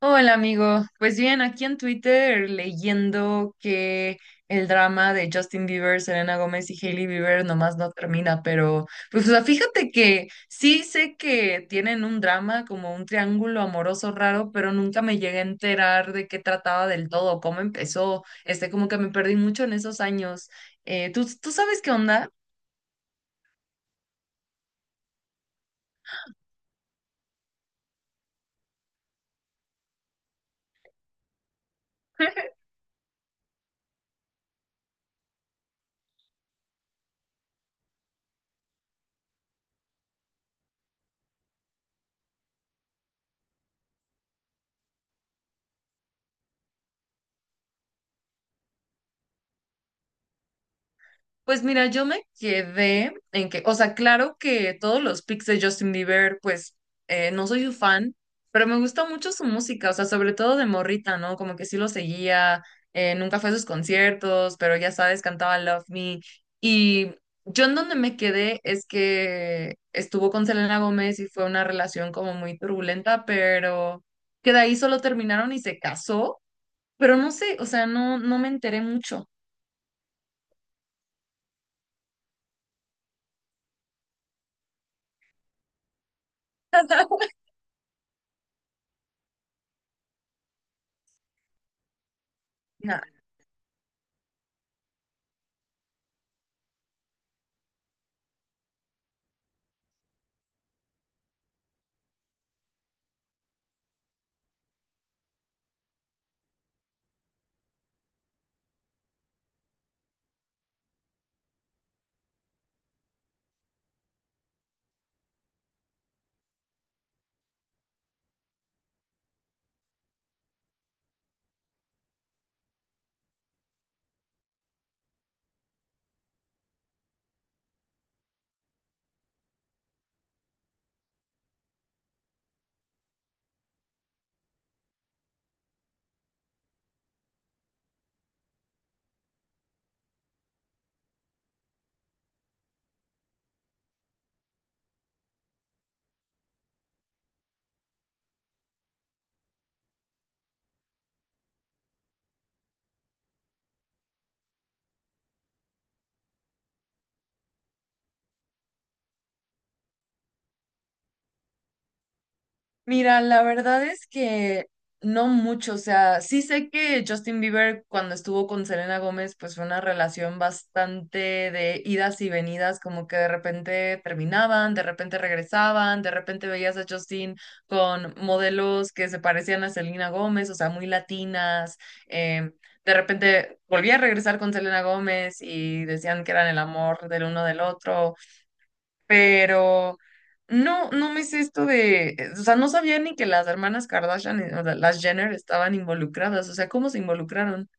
Hola amigo, pues bien, aquí en Twitter leyendo que el drama de Justin Bieber, Selena Gómez y Hailey Bieber nomás no termina, pero pues o sea, fíjate que sí sé que tienen un drama como un triángulo amoroso raro, pero nunca me llegué a enterar de qué trataba del todo, cómo empezó, este como que me perdí mucho en esos años. ¿Tú sabes qué onda? Pues mira, yo me quedé en que, o sea, claro que todos los pics de Justin Bieber, pues no soy su fan, pero me gusta mucho su música, o sea, sobre todo de morrita, ¿no? Como que sí lo seguía, nunca fue a sus conciertos, pero ya sabes, cantaba Love Me. Y yo en donde me quedé es que estuvo con Selena Gómez y fue una relación como muy turbulenta, pero que de ahí solo terminaron y se casó, pero no sé, o sea, no, no me enteré mucho. Mira, la verdad es que no mucho, o sea, sí sé que Justin Bieber cuando estuvo con Selena Gómez, pues fue una relación bastante de idas y venidas, como que de repente terminaban, de repente regresaban, de repente veías a Justin con modelos que se parecían a Selena Gómez, o sea, muy latinas, eh, de repente volvía a regresar con Selena Gómez y decían que eran el amor del uno del otro pero no, no me sé esto de, o sea, no sabía ni que las hermanas Kardashian, o sea, las Jenner estaban involucradas, o sea, ¿cómo se involucraron?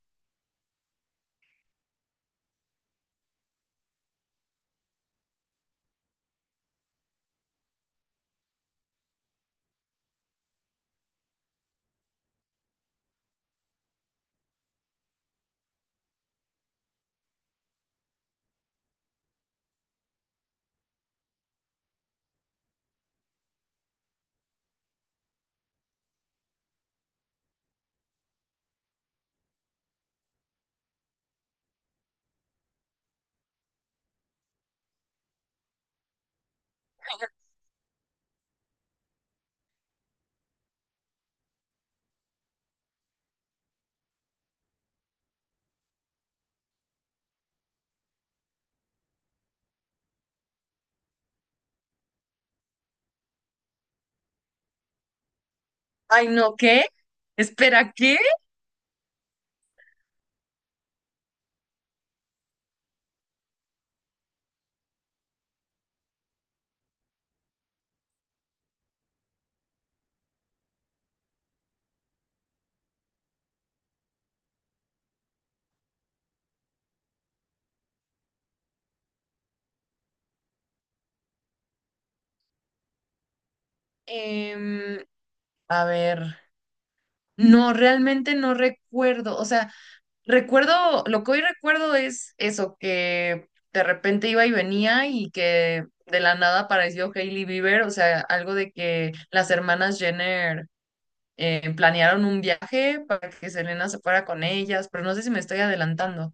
Ay, no, ¿qué? Espera, ¿qué? Em, a ver, no, realmente no recuerdo, o sea, recuerdo, lo que hoy recuerdo es eso, que de repente iba y venía y que de la nada apareció Hailey Bieber, o sea, algo de que las hermanas Jenner planearon un viaje para que Selena se fuera con ellas, pero no sé si me estoy adelantando.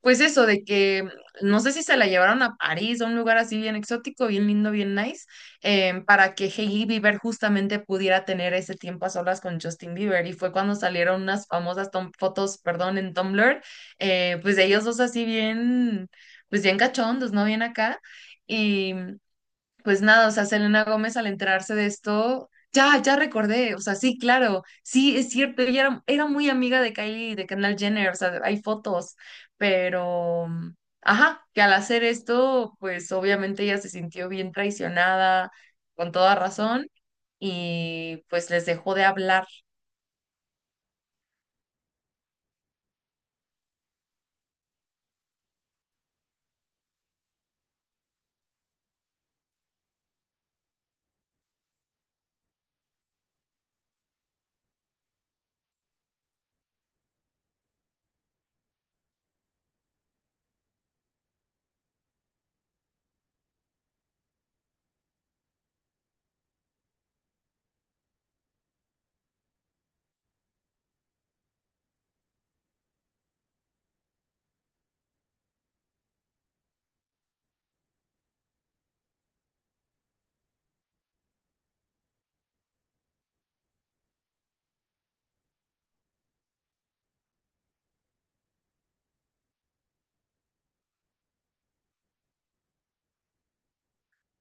Pues eso, de que no sé si se la llevaron a París, a un lugar así bien exótico, bien lindo, bien nice, para que Hailey Bieber justamente pudiera tener ese tiempo a solas con Justin Bieber. Y fue cuando salieron unas famosas fotos, perdón, en Tumblr, pues de ellos dos así bien, pues bien cachondos, ¿no? Bien acá. y Pues nada, o sea, Selena Gómez al enterarse de esto, ya, ya recordé, o sea, sí, claro, sí, es cierto, ella era, era muy amiga de Kylie, y de Kendall Jenner, o sea, hay fotos, pero, ajá, que al hacer esto, pues obviamente ella se sintió bien traicionada, con toda razón, y pues les dejó de hablar.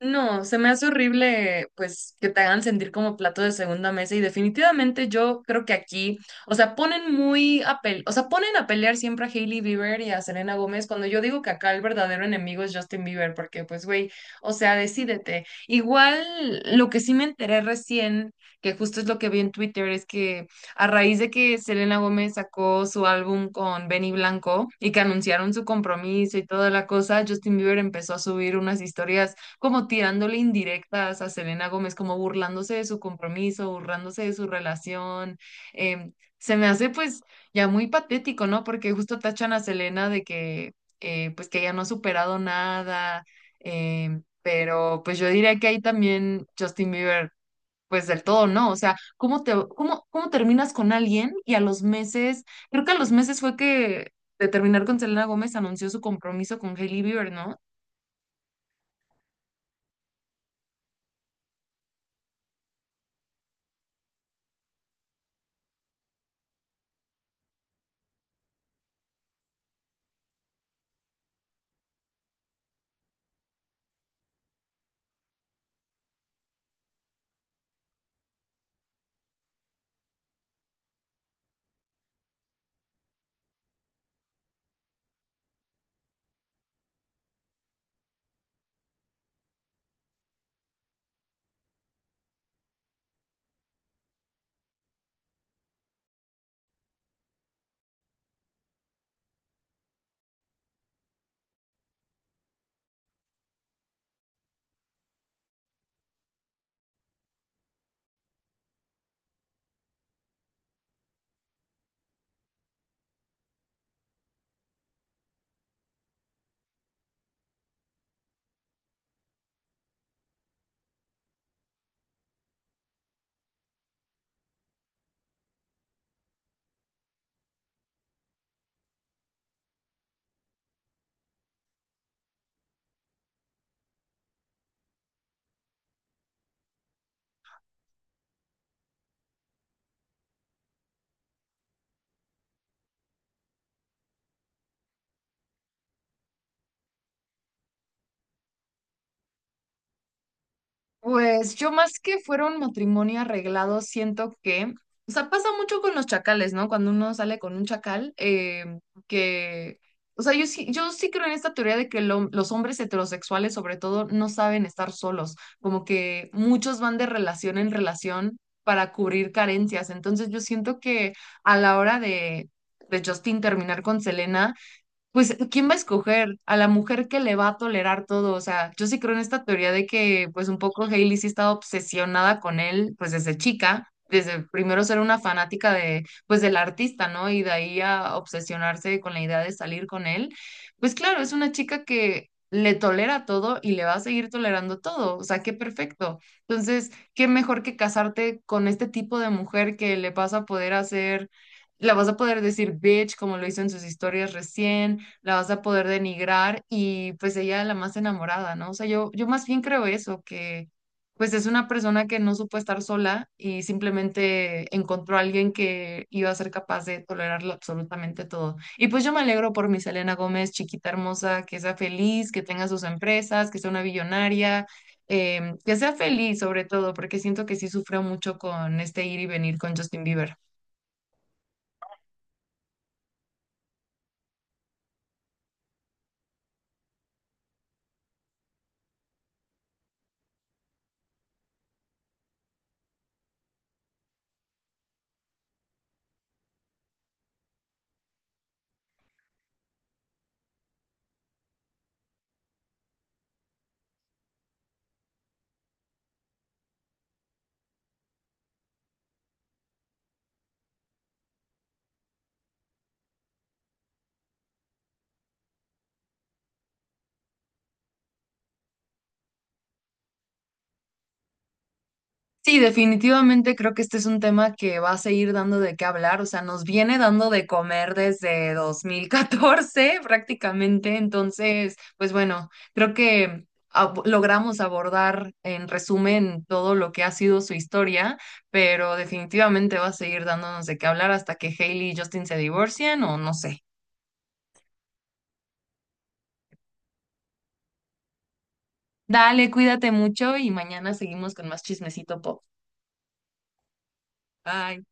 No, se me hace horrible, pues, que te hagan sentir como plato de segunda mesa y definitivamente yo creo que aquí, o sea, ponen muy a o sea, ponen a pelear siempre a Hailey Bieber y a Selena Gómez cuando yo digo que acá el verdadero enemigo es Justin Bieber, porque pues, güey, o sea, decídete. Igual, lo que sí me enteré recién, que justo es lo que vi en Twitter, es que a raíz de que Selena Gómez sacó su álbum con Benny Blanco y que anunciaron su compromiso y toda la cosa, Justin Bieber empezó a subir unas historias como tirándole indirectas a Selena Gómez, como burlándose de su compromiso, burlándose de su relación. Se me hace pues ya muy patético, ¿no? Porque justo tachan a Selena de que pues que ella no ha superado nada, pero pues yo diría que ahí también Justin Bieber pues del todo no, o sea, ¿ cómo terminas con alguien y a los meses, creo que a los meses fue que de terminar con Selena Gómez anunció su compromiso con Hailey Bieber, ¿no? Pues yo más que fuera un matrimonio arreglado, siento que, o sea, pasa mucho con los chacales, ¿no? Cuando uno sale con un chacal, que, o sea, yo sí creo en esta teoría de que los hombres heterosexuales, sobre todo, no saben estar solos, como que muchos van de relación en relación para cubrir carencias. Entonces yo siento que a la hora de Justin terminar con Selena, pues, ¿quién va a escoger? A la mujer que le va a tolerar todo. O sea, yo sí creo en esta teoría de que, pues, un poco Hailey sí estaba obsesionada con él, pues, desde chica, desde primero ser una fanática de, pues, del artista, ¿no? Y de ahí a obsesionarse con la idea de salir con él. Pues, claro, es una chica que le tolera todo y le va a seguir tolerando todo. O sea, qué perfecto. Entonces, qué mejor que casarte con este tipo de mujer que le vas a poder hacer, la vas a poder decir bitch, como lo hizo en sus historias recién, la vas a poder denigrar y pues ella la más enamorada, ¿no? O sea, yo más bien creo eso, que pues es una persona que no supo estar sola y simplemente encontró a alguien que iba a ser capaz de tolerarlo absolutamente todo. Y pues yo me alegro por mi Selena Gómez, chiquita hermosa, que sea feliz, que tenga sus empresas, que sea una billonaria. Que sea feliz sobre todo, porque siento que sí sufrió mucho con este ir y venir con Justin Bieber. Sí, definitivamente creo que este es un tema que va a seguir dando de qué hablar, o sea, nos viene dando de comer desde 2014 prácticamente, entonces, pues bueno, creo que logramos abordar en resumen todo lo que ha sido su historia, pero definitivamente va a seguir dándonos de qué hablar hasta que Hailey y Justin se divorcien o no sé. Dale, cuídate mucho y mañana seguimos con más chismecito pop. Bye.